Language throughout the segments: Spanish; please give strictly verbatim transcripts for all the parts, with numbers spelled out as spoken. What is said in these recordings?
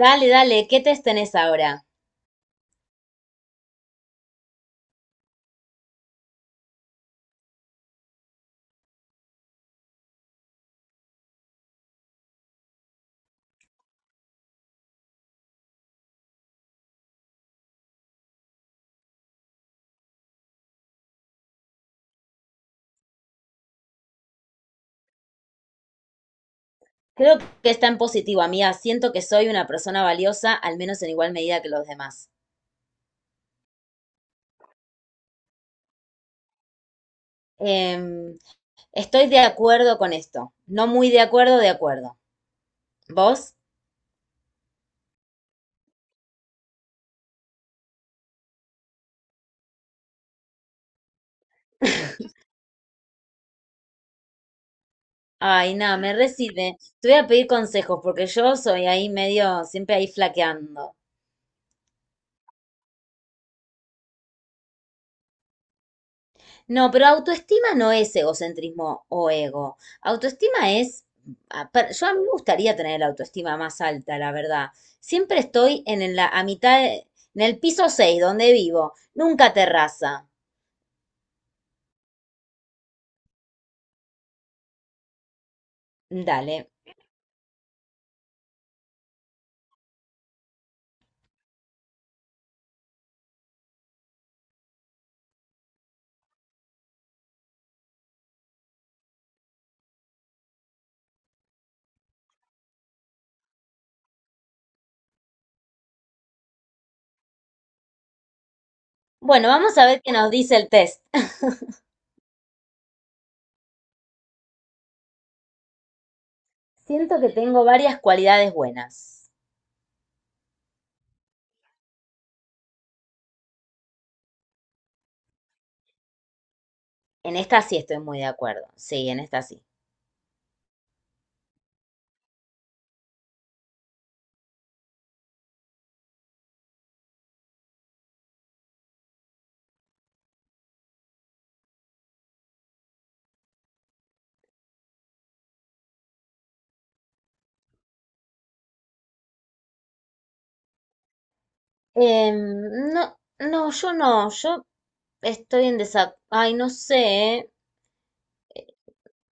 Dale, dale, ¿qué test tenés ahora? Creo que está en positivo, amiga. Siento que soy una persona valiosa, al menos en igual medida que los demás. Em, Estoy de acuerdo con esto. No muy de acuerdo, de acuerdo. ¿Vos? Ay, nada, me recibe. Te voy a pedir consejos porque yo soy ahí medio, siempre ahí flaqueando. No, pero autoestima no es egocentrismo o ego. Autoestima es, a per- yo a mí me gustaría tener la autoestima más alta, la verdad. Siempre estoy en la, a mitad, de- en el piso seis donde vivo, nunca terraza. Dale. Bueno, vamos a ver qué nos dice el test. Siento que tengo varias cualidades buenas. En esta sí estoy muy de acuerdo. Sí, en esta sí. Em, no, no, yo no, yo estoy en desacuerdo. Ay, no sé. eh.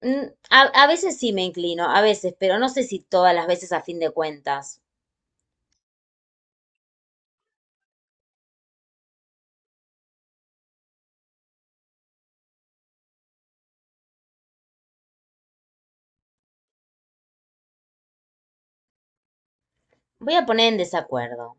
Mm, a, a veces sí me inclino, a veces, pero no sé si todas las veces a fin de cuentas. Voy a poner en desacuerdo.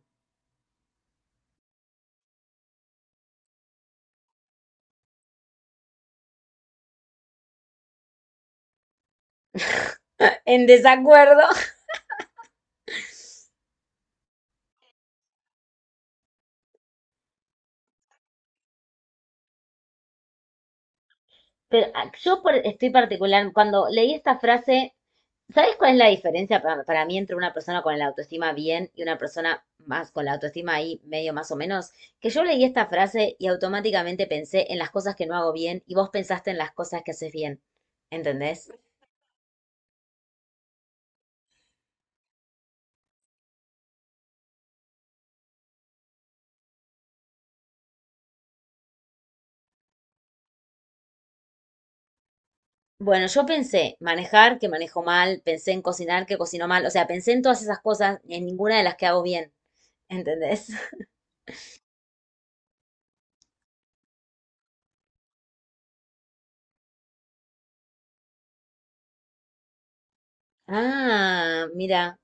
En desacuerdo. Pero ah, yo por- estoy particular, cuando leí esta frase. ¿Sabes cuál es la diferencia para, para mí entre una persona con la autoestima bien y una persona más con la autoestima ahí medio más o menos? Que yo leí esta frase y automáticamente pensé en las cosas que no hago bien y vos pensaste en las cosas que haces bien. ¿Entendés? Bueno, yo pensé manejar, que manejo mal, pensé en cocinar, que cocino mal, o sea, pensé en todas esas cosas, en ninguna de las que hago bien. ¿Entendés? Ah, mira.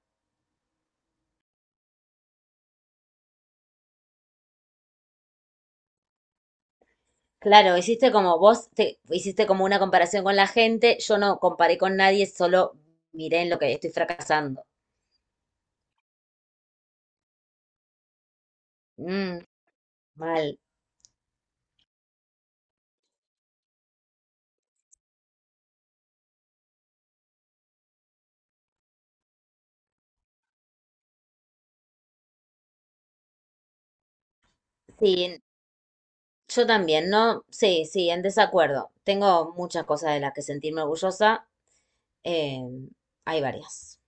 Claro, hiciste como vos, te, hiciste como una comparación con la gente, yo no comparé con nadie, solo miré en lo que estoy fracasando. Mm, mal. Sí, en- yo también, ¿no? Sí, sí, en desacuerdo. Tengo muchas cosas de las que sentirme orgullosa. eh, Hay varias.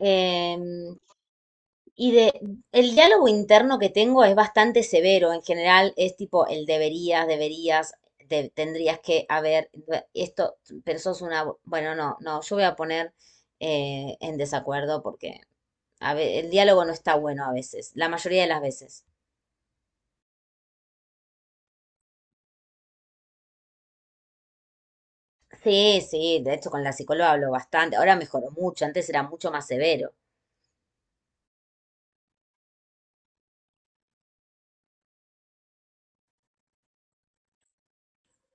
Eh, Y de, el diálogo interno que tengo es bastante severo. En general es tipo el deberías, deberías, de- tendrías que haber, esto, pero sos una, bo- bueno, no, no, yo voy a poner eh, en desacuerdo porque a ve- el diálogo no está bueno a veces, la mayoría de las veces. Sí, sí, de hecho con la psicóloga hablo bastante, ahora mejoró mucho, antes era mucho más severo.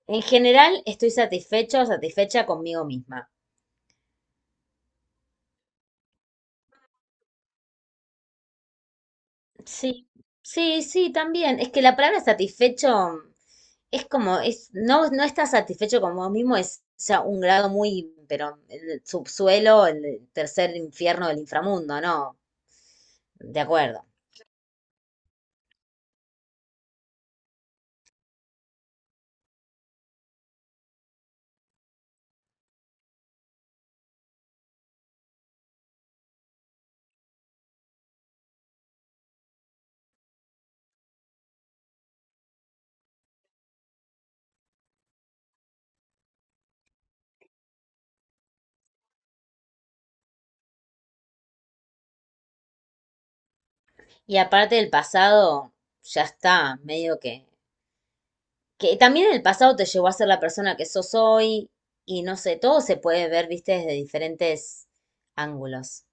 En general estoy satisfecho o satisfecha conmigo misma. Sí, sí, sí, también. Es que la palabra satisfecho es como, es, no, no está satisfecho con vos mismo, es ya un grado muy, pero el subsuelo, el tercer infierno del inframundo, ¿no? De acuerdo. Y aparte del pasado, ya está, medio que, que también el pasado te llevó a ser la persona que sos hoy, y no sé, todo se puede ver, viste, desde diferentes ángulos.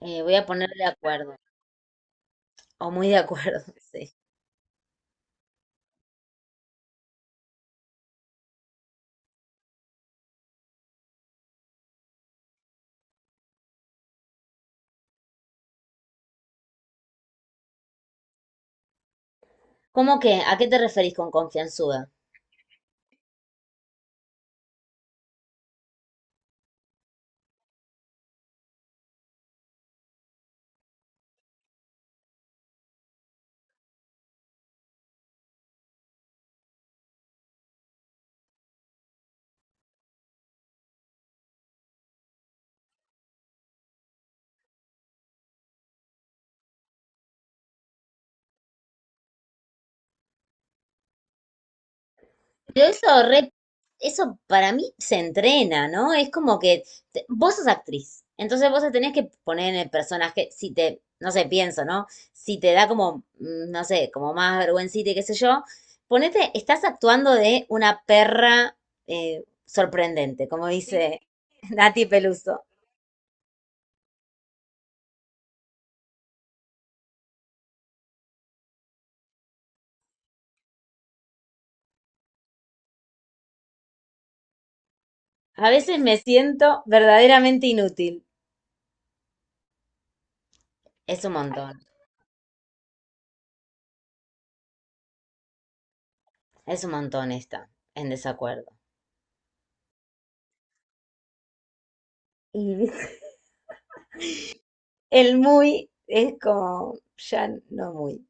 Eh, voy a poner de acuerdo, o muy de acuerdo, sí. ¿Cómo que? ¿A qué te referís con confianzuda? Pero eso re- eso para mí se entrena, ¿no? Es como que te- vos sos actriz, entonces vos te tenés que poner en el personaje, si te, no sé, pienso, ¿no? Si te da como, mm, no sé, como más vergüencita y qué sé yo, ponete, estás actuando de una perra eh, sorprendente, como dice Nati Peluso. A veces me siento verdaderamente inútil. Es un montón, es un montón esta, en desacuerdo. Y el muy es como ya no muy.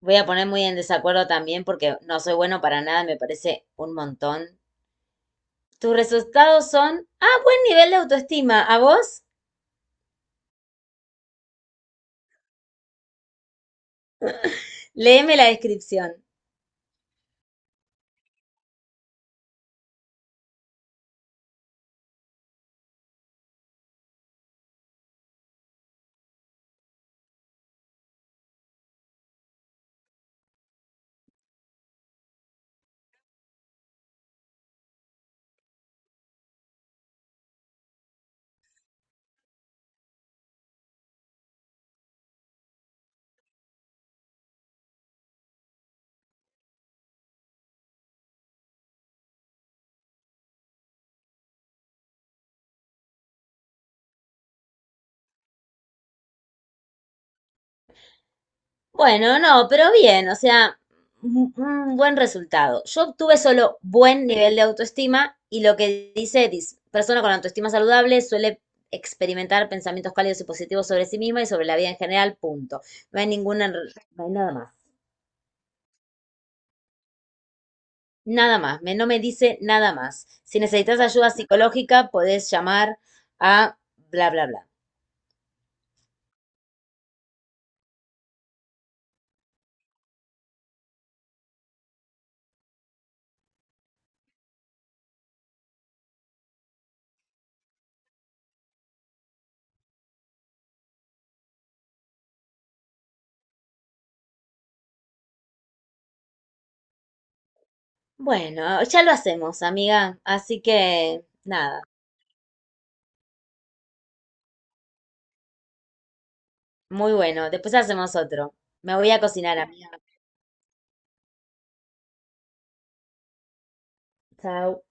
Voy a poner muy en desacuerdo también porque no soy bueno para nada, me parece un montón. Tus resultados son, ah, buen nivel de autoestima. ¿A vos? Léeme la descripción. Bueno, no, pero bien, o sea, un un buen resultado. Yo obtuve solo buen nivel de autoestima y lo que dice, dis- persona con autoestima saludable suele experimentar pensamientos cálidos y positivos sobre sí misma y sobre la vida en general, punto. No hay ninguna, no hay nada más. Nada más, me, no me dice nada más. Si necesitas ayuda psicológica, podés llamar a bla, bla, bla. Bueno, ya lo hacemos, amiga. Así que, nada, muy bueno. Después hacemos otro. Me voy a cocinar, amiga. Chao.